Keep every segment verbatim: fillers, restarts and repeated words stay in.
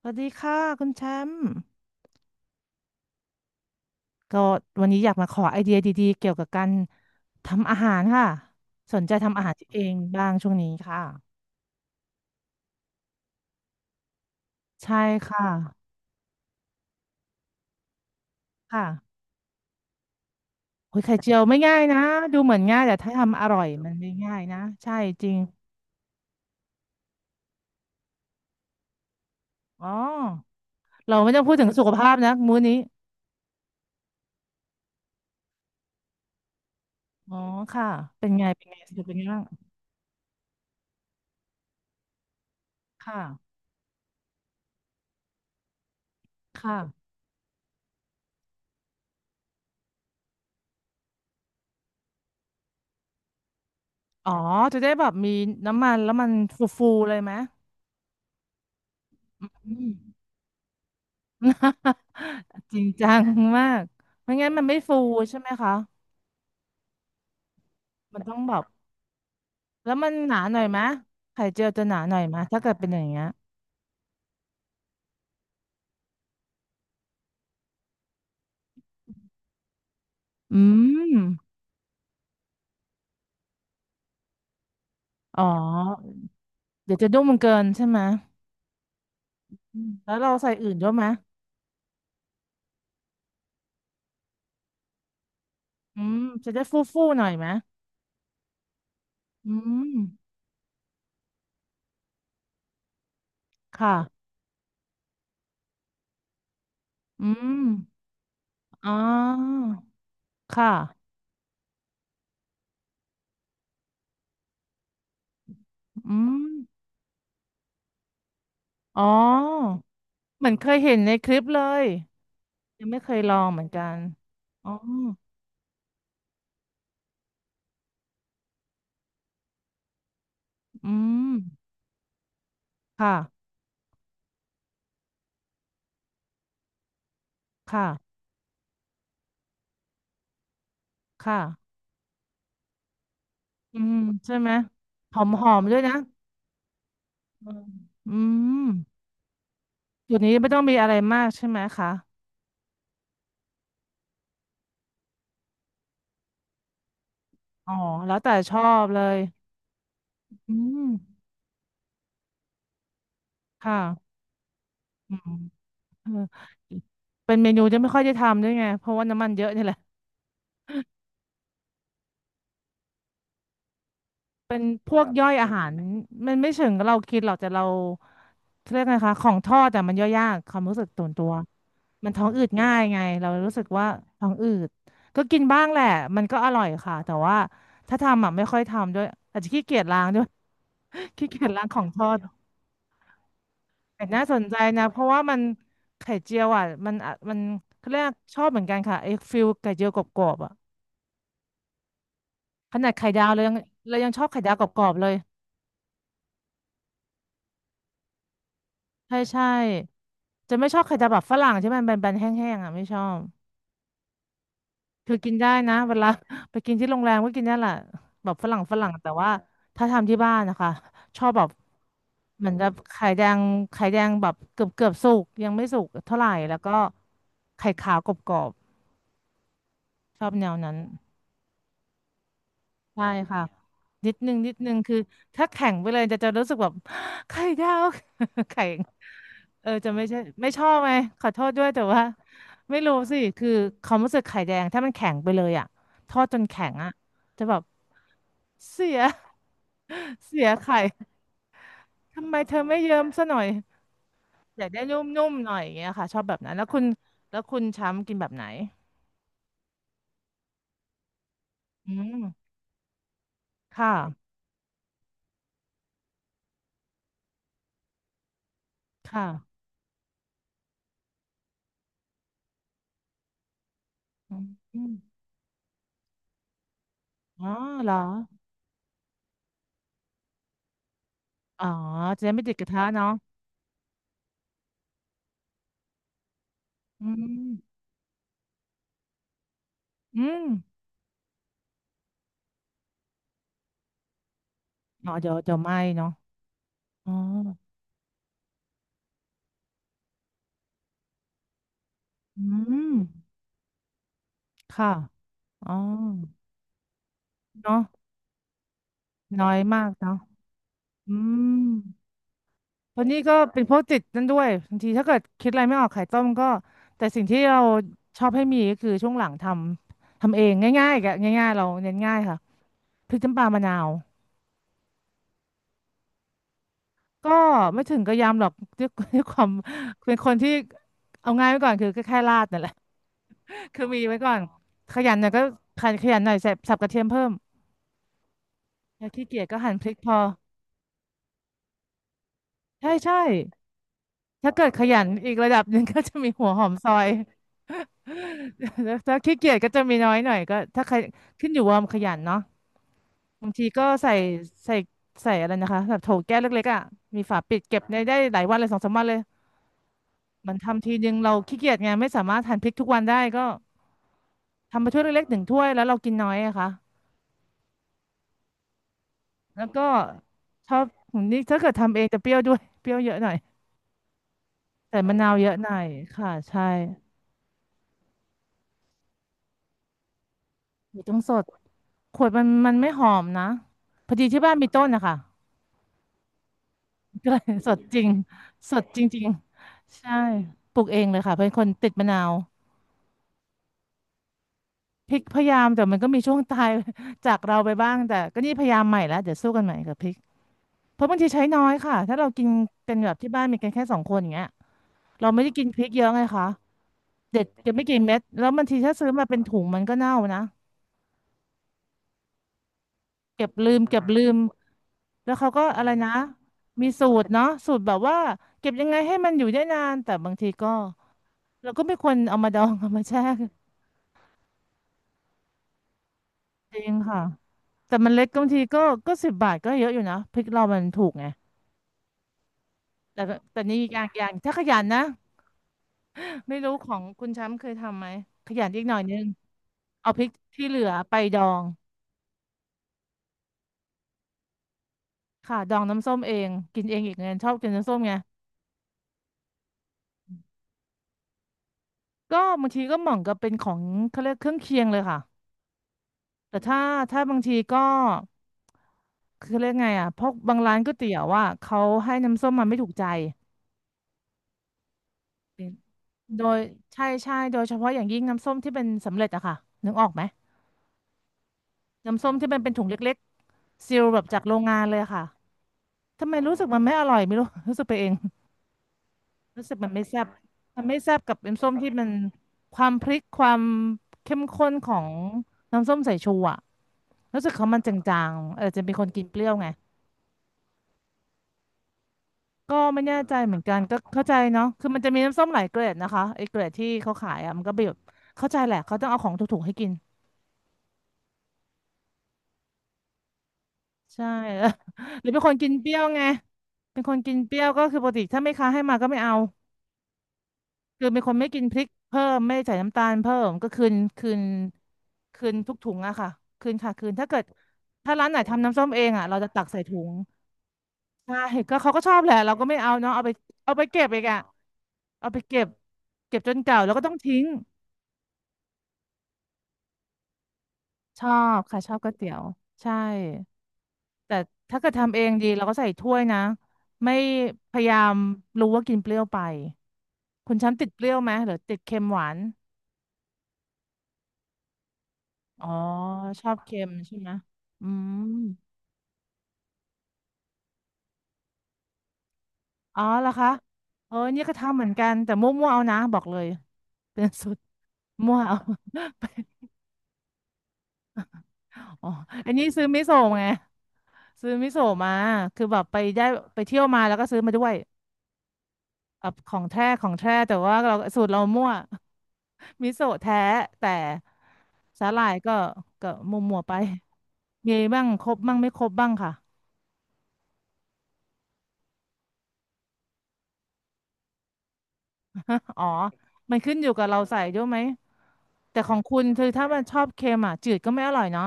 สวัสดีค่ะคุณแชมป์ก็วันนี้อยากมาขอไอเดียดีๆเกี่ยวกับการทำอาหารค่ะสนใจทำอาหารเองบ้างช่วงนี้ค่ะใช่ค่ะค่ะโอ้ยไข่เจียวไม่ง่ายนะดูเหมือนง่ายแต่ถ้าทำอร่อยมันไม่ง่ายนะใช่จริงอ๋อเราไม่ต้องพูดถึงสุขภาพนะมื้อนี้อ๋อค่ะเป็นไงเป็นไงสรุปเป็นไงบ้างค่ะค่ะอ๋อจะได้แบบมีน้ำมันแล้วมันฟูๆเลยไหมอืม จริงจังมากไม่งั้นมันไม่ฟูใช่ไหมคะมันต้องแบบ แล้วมันหนาหน่อยไหมไข่เจียวจะหนาหน่อยไหมถ้าเกิดเป็นอย่างเงี้ยอืมอ๋อเดี๋ยวจะนุ่มเกินใช่ไหมอืมแล้วเราใส่อื่นด้วยไหมอืมจะได้ฟูฟูหน่อยไหมอืมค่ะอืมอ๋อค่ะอืมอ๋อเหมือนเคยเห็นในคลิปเลย ยังไม่เคยลองเหมือนกันอ๋ออืมค่ะ ค่ะ ค่ะ อืมใช่ไหม หอมหอมด้วยนะอืมอืมจุดนี้ไม่ต้องมีอะไรมากใช่ไหมคะ อ๋อ แล้วแต่ชอบเลย อืม ค่ะ อืมเออเป็นเมนูที่ไม่ค่อยได้ทำด้วยไง เพราะว่าน้ำมันเยอะนี่แหละ เป็นพวกย่อยอาหารมันไม่เชิงเรากินหรอกแต่เราเรียกไงคะของทอดแต่มันย่อยยากความรู้สึกตัวนตัวมันท้องอืดง่ายไงเรารู้สึกว่าท้องอืดก็กินบ้างแหละมันก็อร่อยค่ะแต่ว่าถ้าทำอ่ะไม่ค่อยทำด้วยอาจจะขี้เกียจล้างด้วย ขี้เกียจล้างของทอดแต่น่าสนใจนะเพราะว่ามันไข่เจียวอ่ะมันอะมันเขาเรียกชอบเหมือนกันค่ะไอ้ฟิลไข่เจียวกรอบๆอ่ะขนาดไข่ดาวเรายังเรายังชอบไข่ดาวกรอบๆเลยใช่ใช่ จะไม่ชอบไข่ดาวแบบฝรั่งใช่ไหมแบนๆแห้งๆอ่ะไม่ชอบคือกินได้นะเวลา ไปกินที่โรงแรมก็กินได้แหละแบบฝรั่งฝรั่งแต่ว่าถ้าทำที่บ้านนะคะชอบแบบเหมือนกับไข่แดงไข่แดงแบบเกือบเกือบสุกยังไม่สุกเท่าไหร่แล้วก็ไข่ขาวกรอบๆชอบแนวนั้น ใช่ค่ะนิดนึงนิดนึงคือถ้าแข็งไปเลยจะจะรู้สึกแบบ ไข่ดาว แข็งเออจะไม่ใช่ไม่ชอบไหมขอโทษด้วยแต่ว่าไม่รู้สิคือความรู้สึกไข่แดงถ้ามันแข็งไปเลยอ่ะทอดจนแข็งอ่ะจะแบบเสีย เสียไข่ทำไมเธอไม่เยิ้มซะหน่อยอยากได้นุ่มๆหน่อยอย่างเงี้ยค่ะชอบแบบนั้นแล้วคุณแล้วคุณช้ำกินแบบไหนอืมค่ะค่ะอืมอมอ๋อเหรอ อ๋อจะได้ไม่ติดกระทะเนาะอืม อืมอ๋อเดี๋ยวเดี๋ยวไหม้เนาะอ๋อ อืม ค่ะ อ๋อ เนาะน้อยมากเนาะอืมตอนนี้ก็เป็นพวกติดนั่นด้วยบางทีถ้าเกิดคิดอะไรไม่ออกไข่ต้มก็แต่สิ่งที่เราชอบให้มีก็คือช่วงหลังทำทำเองง่ายๆกับง่ายๆเราเน้นง่ายค่ะพริกน้ำปลามะนาวก็ไม่ถึงกับยำหรอกด้วย ด้วยความเป็นคนที่เอาง่ายไว้ก่อนคือแค่ๆราดนั่นแหละ คือมีไว้ก่อนขยันหน่อยก็ขยันขยันหน่อยใส่สับกระเทียมเพิ่มแล้วขี้เกียจก็หั่นพริกพอใช่ใช่ถ้าเกิดขยันอีกระดับหนึ่งก็จะมีหัวหอมซอย แล้วถ้าขี้เกียจก็จะมีน้อยหน่อยก็ถ้าใครขึ้นอยู่ว่าขยันเนาะบางทีก็ใส่ใส่ใส่อะไรนะคะแบบโถแก้วเล็กๆอ่ะมีฝาปิดเก็บได้ได้หลายวันเลยสองสามวันเลยมันทำทีนึงเราขี้เกียจไงไม่สามารถหั่นพริกทุกวันได้ก็ทำมาถ้วยเล็กๆหนึ่งถ้วยแล้วเรากินน้อยอะค่ะแล้วก็ชอบนี่ถ้าเกิดทำเองจะเปรี้ยวด้วยเปรี้ยวเยอะหน่อย ใส่มะนาวเยอะหน่อยค่ะใช่มูต้องสดขวดมันมันไม่หอมนะพอดีที่บ้านมีต้นนะคะ ก็เลยสดจริงสดจริงๆใช่ปลูกเองเลยค่ะเป็นคนติดมะนาวพริกพยายามแต่มันก็มีช่วงตาย จากเราไปบ้างแต่ก็นี่พยายามใหม่แล้วเดี๋ยวสู้กันใหม่กับพริกเพราะบางทีใช้น้อยค่ะถ้าเรากินกันแบบที่บ้านมีกันแค่สองคนอย่างเงี้ยเราไม่ได้กินพริกเยอะไงคะเด็ดเก็บไม่กี่เม็ดแล้วบางทีถ้าซื้อมาเป็นถุงมันก็เน่านะเก็บลืมเก็บลืม แล้วเขาก็อะไรนะมีสูตรเนาะสูตรแบบว่าเก็บยังไงให้มันอยู่ได้นานแต่บางทีก็เราก็ไม่ควรเอามาดอง เอามาแช่จริงค่ะแต่มันเล็กบางทีก็ก็สิบบาทก็เยอะอยู่นะพริกเรามันถูกไงแต่ก็แต่นี่อย่างอย่างถ้าขยันนะไม่รู้ของคุณแชมป์เคยทำไหมขยันอีกหน่อยนึงเอาพริกที่เหลือไปดองค่ะดองน้ำส้มเองกินเองอีกไงชอบกินน้ำส้มไงก็บางทีก็เหมือนกับเป็นของเขาเรียกเครื่องเคียงเลยค่ะ แต่ถ้าถ้าบางทีก็คือเรียกไงอ่ะเพราะบางร้านก๋วยเตี๋ยวอ่ะเขาให้น้ำส้มมันไม่ถูกใจเป็นโดยใช่ใช่โดยเฉพาะอย่างยิ่งน้ำส้มที่เป็นสำเร็จอะค่ะนึกออกไหมน้ำส้มที่มันเป็นถุงเล็กๆซีลแบบจากโรงงานเลยอะค่ะทำไมรู้สึกมันไม่อร่อยไม่รู้ รู้สึกไปเองรู้สึกมันไม่แซ่บมันไม่แซ่บกับน้ำส้มที่มันความพริกความเข้มข้นของน้ำส้มสายชูอะรู้สึกเขามันจางๆเออจะเป็นคนกินเปรี้ยวไง ก็ไม่แน่ใจเหมือนกันก็เข้าใจเนาะคือมันจะมีน้ำส้มหลายเกรดนะคะไอ้เกรดที่เขาขายอ่ะมันก็แบบเข้าใจแหละเขาต้องเอาของถูกๆให้กินใช่ หรือเป็นคนกินเปรี้ยวไงเป็นคนกินเปรี้ยวก็คือปกติถ้าแม่ค้าให้มาก็ไม่เอาคือเป็นคนไม่กินพริกเพิ่มไม่ใส่น้ำตาลเพิ่มก็คืนคืนคืนทุกถุงอะค่ะคืนค่ะคืนถ้าเกิดถ้าร้านไหนทำน้ำส้มเองอะเราจะตักใส่ถุงใช่ก็เขาก็ชอบแหละเราก็ไม่เอาเนาะเอาไปเอาไปเก็บอีกอะเอาไปเก็บเก็บจนเก่าแล้วก็ต้องทิ้ง ชอบค่ะชอบก๋วยเตี๋ยวใช่แต่ถ้าเกิดทำเองดีเราก็ใส่ถ้วยนะไม่พยายามรู้ว่ากินเปรี้ยวไปคุณช้ำติดเปรี้ยวไหมหรือติดเค็มหวานอ๋อชอบเค็มใช่ไหมอืมอ๋อเหรอคะเออเนี่ยก็ทำเหมือนกันแต่มั่วๆเอานะบอกเลยเป็นสุด มั่วเอา อ๋ออันนี้ซื้อมิโซะไงซื้อมิโซะมาคือแบบไปได้ไปเที่ยวมาแล้วก็ซื้อมาด้วยแบบของแท้ของแท้แต่ว่าเราสูตรเรามั่ว มิโซะแท้แต่สาหร่ายก็ก็มัวมัวไปมีบ้างครบบ้างไม่ครบบ้างค่ะ อ๋อมันขึ้นอยู่กับเราใส่ด้วยไหมแต่ของคุณคือถ้ามันชอบเค็มอ่ะจืดก็ไม่อร่อยเนาะ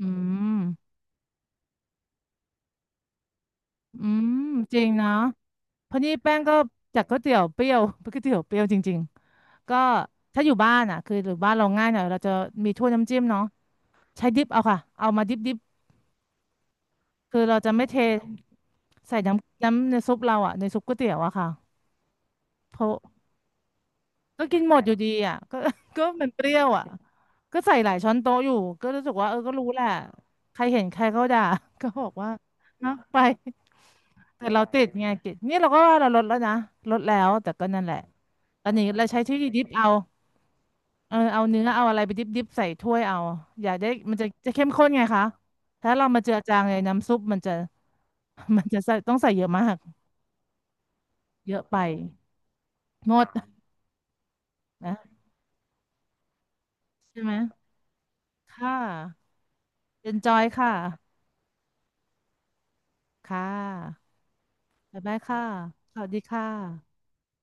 อืมอืมจริงเนาะเพราะนี่แป้งก็จากก๋วยเตี๋ยวเปรี้ยว เป็นก๋วยเตี๋ยวเปรี้ยวจริงๆก็ถ้าอยู่บ้านอ่ะคือหรือบ้านเราง่ายหน่อยเราจะมีถ้วยน้ำจิ้มเนาะใช้ดิบเอาค่ะเอามาดิบดิบคือเราจะไม่เทใส่น้ำน้ำในซุปเราอ่ะในซุปก๋วยเตี๋ยวอะค่ะเพราะ ก็กินหมดอยู่ดีอ่ะก็ ก็มันเปรี้ยวอ่ะก็ใส่หลายช้อนโต๊ะอยู่ก็รู้สึกว่าเออก็รู้แหละใครเห็นใครเขาด่า ก็บอกว่าเนาะไปแต่เราติดไงติดนี่เราก็ว่าเราลดแล้วนะลดแล้วแต่ก็นั่นแหละตอนนี้เราใช้ที่ดิบเอาเออเอาเนื้อเอาอะไรไปดิบดิบใส่ถ้วยเอาอยากได้มันจะจะเข้มข้นไงคะถ้าเรามาเจือจางในน้ำซุปมันจะ มันจะใส่ต้องใส่เยอะมากเยอะไปหมดนะใช่ไหมค่ะ enjoy ค่ะ ค่ะบ๊ายบายค่ะสวัสดีค่ะ